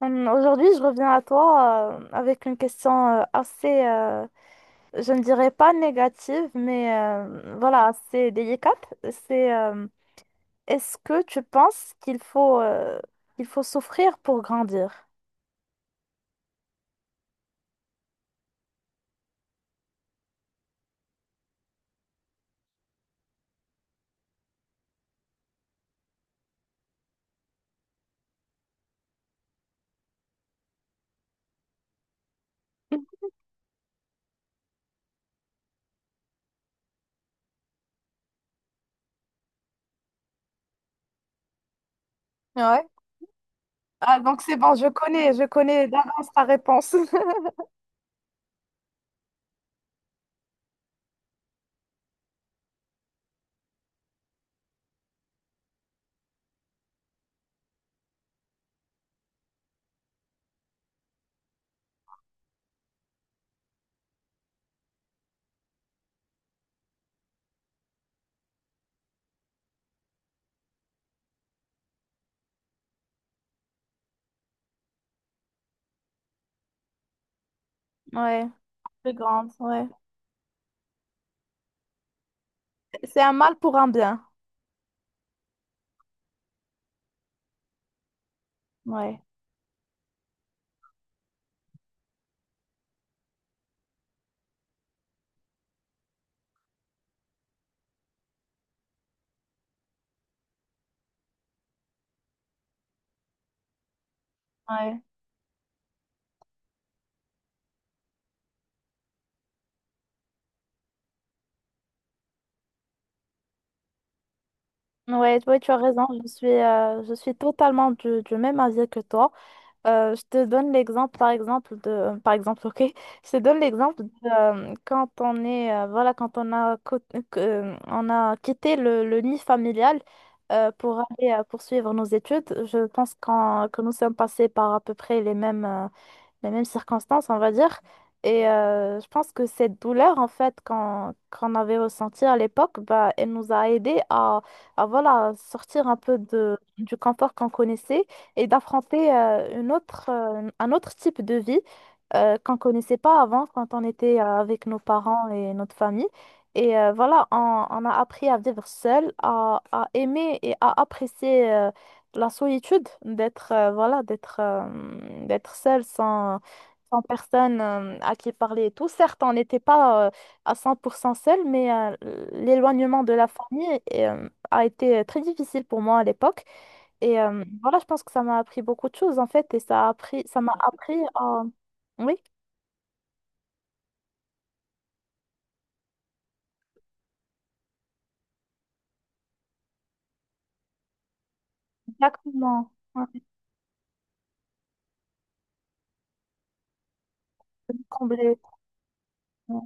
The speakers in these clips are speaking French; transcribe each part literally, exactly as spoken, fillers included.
Hum, Aujourd'hui, je reviens à toi euh, avec une question euh, assez, euh, je ne dirais pas négative, mais euh, voilà, assez délicate. C'est euh, Est-ce que tu penses qu'il faut, euh, qu'il faut souffrir pour grandir? Ouais. Ah, donc c'est bon, je connais, je connais d'avance ta réponse. Ouais, plus grande, ouais. C'est un mal pour un bien. Ouais. Ouais. Ouais, ouais, tu as raison. Je suis, euh, je suis totalement du, du même avis que toi. Euh, je te donne l'exemple, par exemple, de, par exemple, ok, je te donne l'exemple de, euh, quand on est, euh, voilà, quand on a, co- que- euh, on a quitté le, le nid familial euh, pour aller euh, poursuivre nos études, je pense qu'en- que nous sommes passés par à peu près les mêmes, euh, les mêmes circonstances, on va dire. Et euh, je pense que cette douleur, en fait, qu'on qu'on avait ressentie à l'époque, bah, elle nous a aidés à, à voilà, sortir un peu de, du confort qu'on connaissait et d'affronter euh, une autre, euh, un autre type de vie euh, qu'on connaissait pas avant quand on était euh, avec nos parents et notre famille. Et euh, voilà, on, on a appris à vivre seul, à, à aimer et à apprécier euh, la solitude, d'être euh, voilà, d'être euh, d'être seul sans, sans personne euh, à qui parler et tout. Certes, on n'était pas euh, à cent pour cent seul, mais euh, l'éloignement de la famille euh, a été très difficile pour moi à l'époque. Et euh, voilà, je pense que ça m'a appris beaucoup de choses en fait, et ça a appris, ça m'a appris à... Oui, exactement. Ouais. Combler, ouais.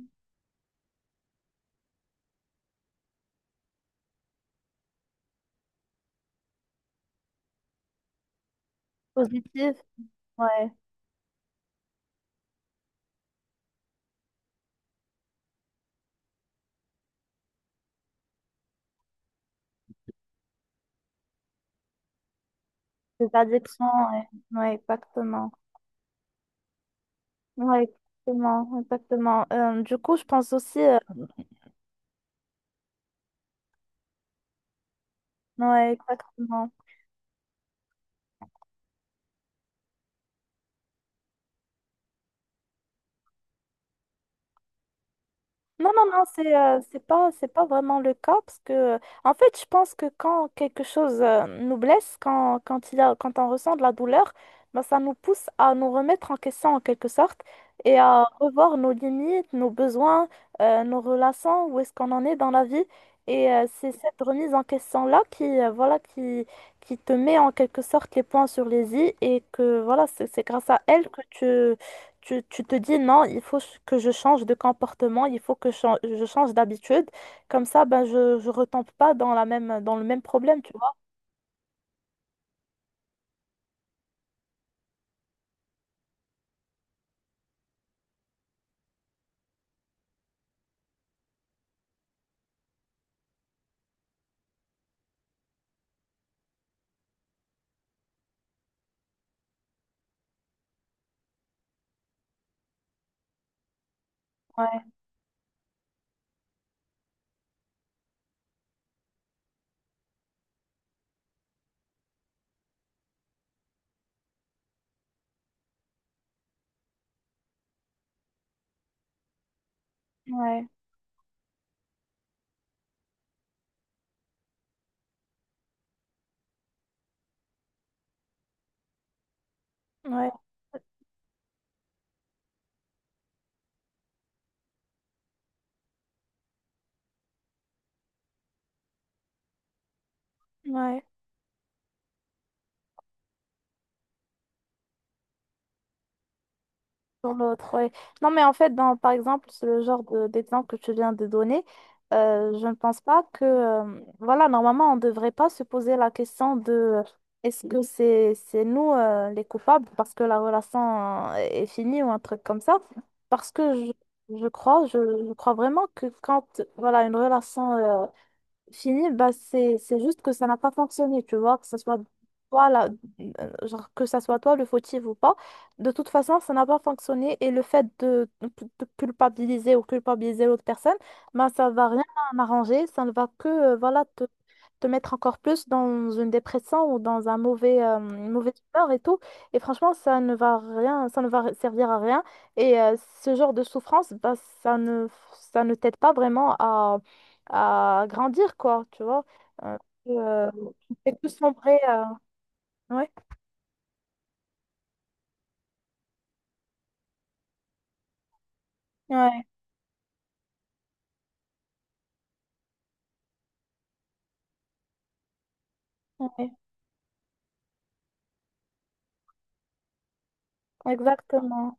Positif, ouais. Les addictions, ouais, ouais, exactement. Ouais, exactement, exactement. Euh, du coup, je pense aussi, euh, ouais, exactement. Non, non, non, c'est euh, c'est pas, c'est pas vraiment le cas parce que, euh, en fait, je pense que quand quelque chose euh, nous blesse, quand, quand, il y a, quand on ressent de la douleur, ben, ça nous pousse à nous remettre en question en quelque sorte et à revoir nos limites, nos besoins, euh, nos relations, où est-ce qu'on en est dans la vie. Et euh, c'est cette remise en question-là qui, euh, voilà, qui, qui te met en quelque sorte les points sur les i et que, voilà, c'est c'est grâce à elle que tu tu, tu te dis non, il faut ch- que je change de comportement, il faut que je, chan- je change d'habitude. Comme ça, ben, je, je retombe pas dans la même, dans le même problème, tu vois. Ouais, ouais. Ouais, ouais. Pour l'autre, oui. Non, mais en fait, dans, par exemple, c'est le genre de- d'exemple que tu viens de donner, euh, je ne pense pas que, euh, voilà, normalement, on ne devrait pas se poser la question de euh, est-ce que c'est c'est nous euh, les coupables parce que la relation euh, est finie ou un truc comme ça. Parce que je, je crois, je, je crois vraiment que quand, voilà, une relation euh, fini, bah c'est c'est juste que ça n'a pas fonctionné, tu vois, que ça soit toi la- euh, genre que ça soit toi le fautif ou pas. De toute façon, ça n'a pas fonctionné et le fait de, de culpabiliser ou culpabiliser l'autre personne, bah ça va rien arranger, ça ne va que euh, voilà te mettre encore plus dans une dépression ou dans un mauvais, euh, une mauvaise humeur et tout. Et franchement, ça ne va rien, ça ne va servir à rien. Et euh, ce genre de souffrance, bah, ça ne, ça ne t'aide pas vraiment à, à grandir, quoi, tu vois. Euh, euh, Tu fais tout sombrer. euh, Ouais, ouais, ouais, exactement.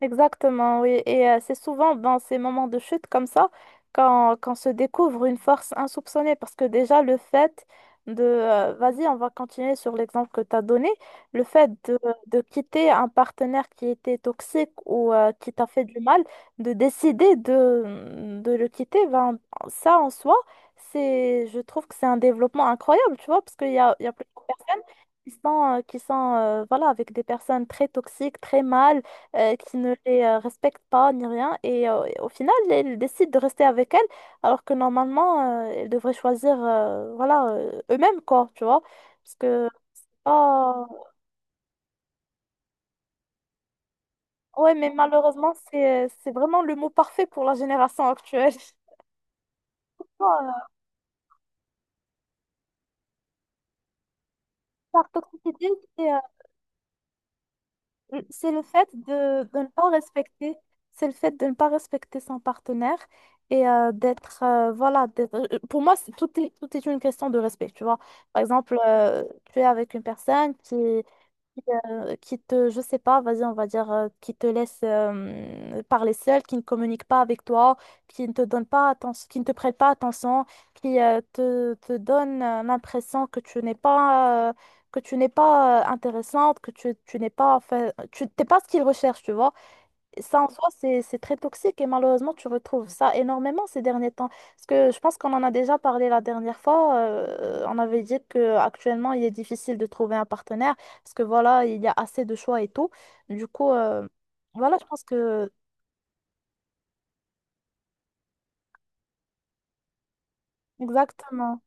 Exactement, oui. Et euh, c'est souvent dans ces moments de chute comme ça quand, quand se découvre une force insoupçonnée. Parce que déjà, le fait de... euh, vas-y, on va continuer sur l'exemple que tu as donné. Le fait de, de quitter un partenaire qui était toxique ou euh, qui t'a fait du mal, de décider de, de le quitter, ben, ça en soi, c'est, je trouve que c'est un développement incroyable, tu vois, parce qu'il y a, il y a plusieurs personnes qui sont, euh, qui sont euh, voilà, avec des personnes très toxiques, très mal euh, qui ne les euh, respectent pas ni rien. Et euh, au final, ils décident de rester avec elle alors que normalement, euh, ils devraient choisir euh, voilà, euh, eux-mêmes, quoi, tu vois. Parce que, oh, ouais, mais malheureusement, c'est, c'est vraiment le mot parfait pour la génération actuelle. Oh, euh, par toxicité, c'est le fait de, de ne pas respecter, c'est le fait de ne pas respecter son partenaire et euh, d'être, euh, voilà, d'être- euh, euh, pour moi, c'est- tout est, tout est une question de respect, tu vois. Par exemple, euh, tu es avec une personne qui, euh, qui te, je sais pas, vas-y, on va dire, euh, qui te laisse euh, parler seul, qui ne communique pas avec toi, qui ne te donne pas attention, qui ne te prête pas attention, qui euh, te, te donne euh, l'impression que tu n'es pas, euh, que tu n'es pas euh, intéressante, que tu, tu n'es pas, enfin, tu t'es pas ce qu'il recherche, tu vois. Ça en soi, c'est, c'est très toxique et malheureusement, tu retrouves ça énormément ces derniers temps. Parce que je pense qu'on en a déjà parlé la dernière fois. Euh, on avait dit que actuellement il est difficile de trouver un partenaire parce que voilà, il y a assez de choix et tout. Du coup, euh, voilà, je pense que... Exactement.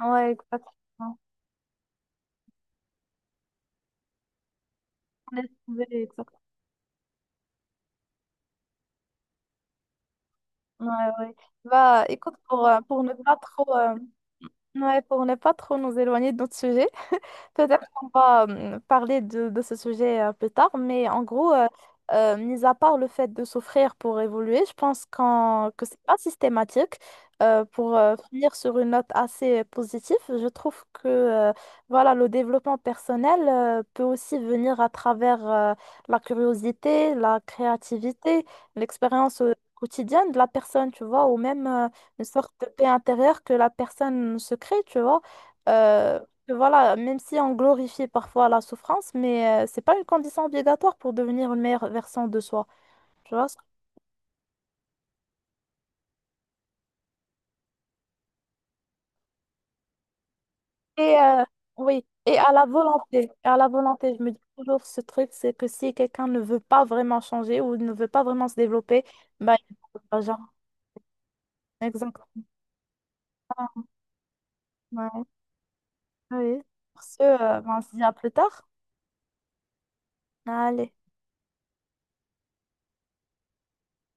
Ouais, exactement. On est trouvé, exactement. Ouais, ouais. Bah, écoute, pour, euh, pour ne pas trop, euh, ouais, pour ne pas trop nous éloigner de notre sujet, peut-être qu'on va euh, parler de, de ce sujet euh, plus tard, mais en gros, euh, euh, mis à part le fait de souffrir pour évoluer, je pense qu'en- que c'est pas systématique. Euh, pour euh, finir sur une note assez positive, je trouve que euh, voilà, le développement personnel euh, peut aussi venir à travers euh, la curiosité, la créativité, l'expérience euh, quotidienne de la personne, tu vois, ou même euh, une sorte de paix intérieure que la personne se crée, tu vois. Euh, voilà, même si on glorifie parfois la souffrance, mais euh, c'est pas une condition obligatoire pour devenir une meilleure version de soi. Tu vois? Et euh, oui, et à la volonté, à la volonté, je me dis toujours ce truc, c'est que si quelqu'un ne veut pas vraiment changer ou ne veut pas vraiment se développer, bah il ne peut pas, genre. Exactement. Ouais, oui. Sur ce, euh, ben, on se dit à plus tard. Allez.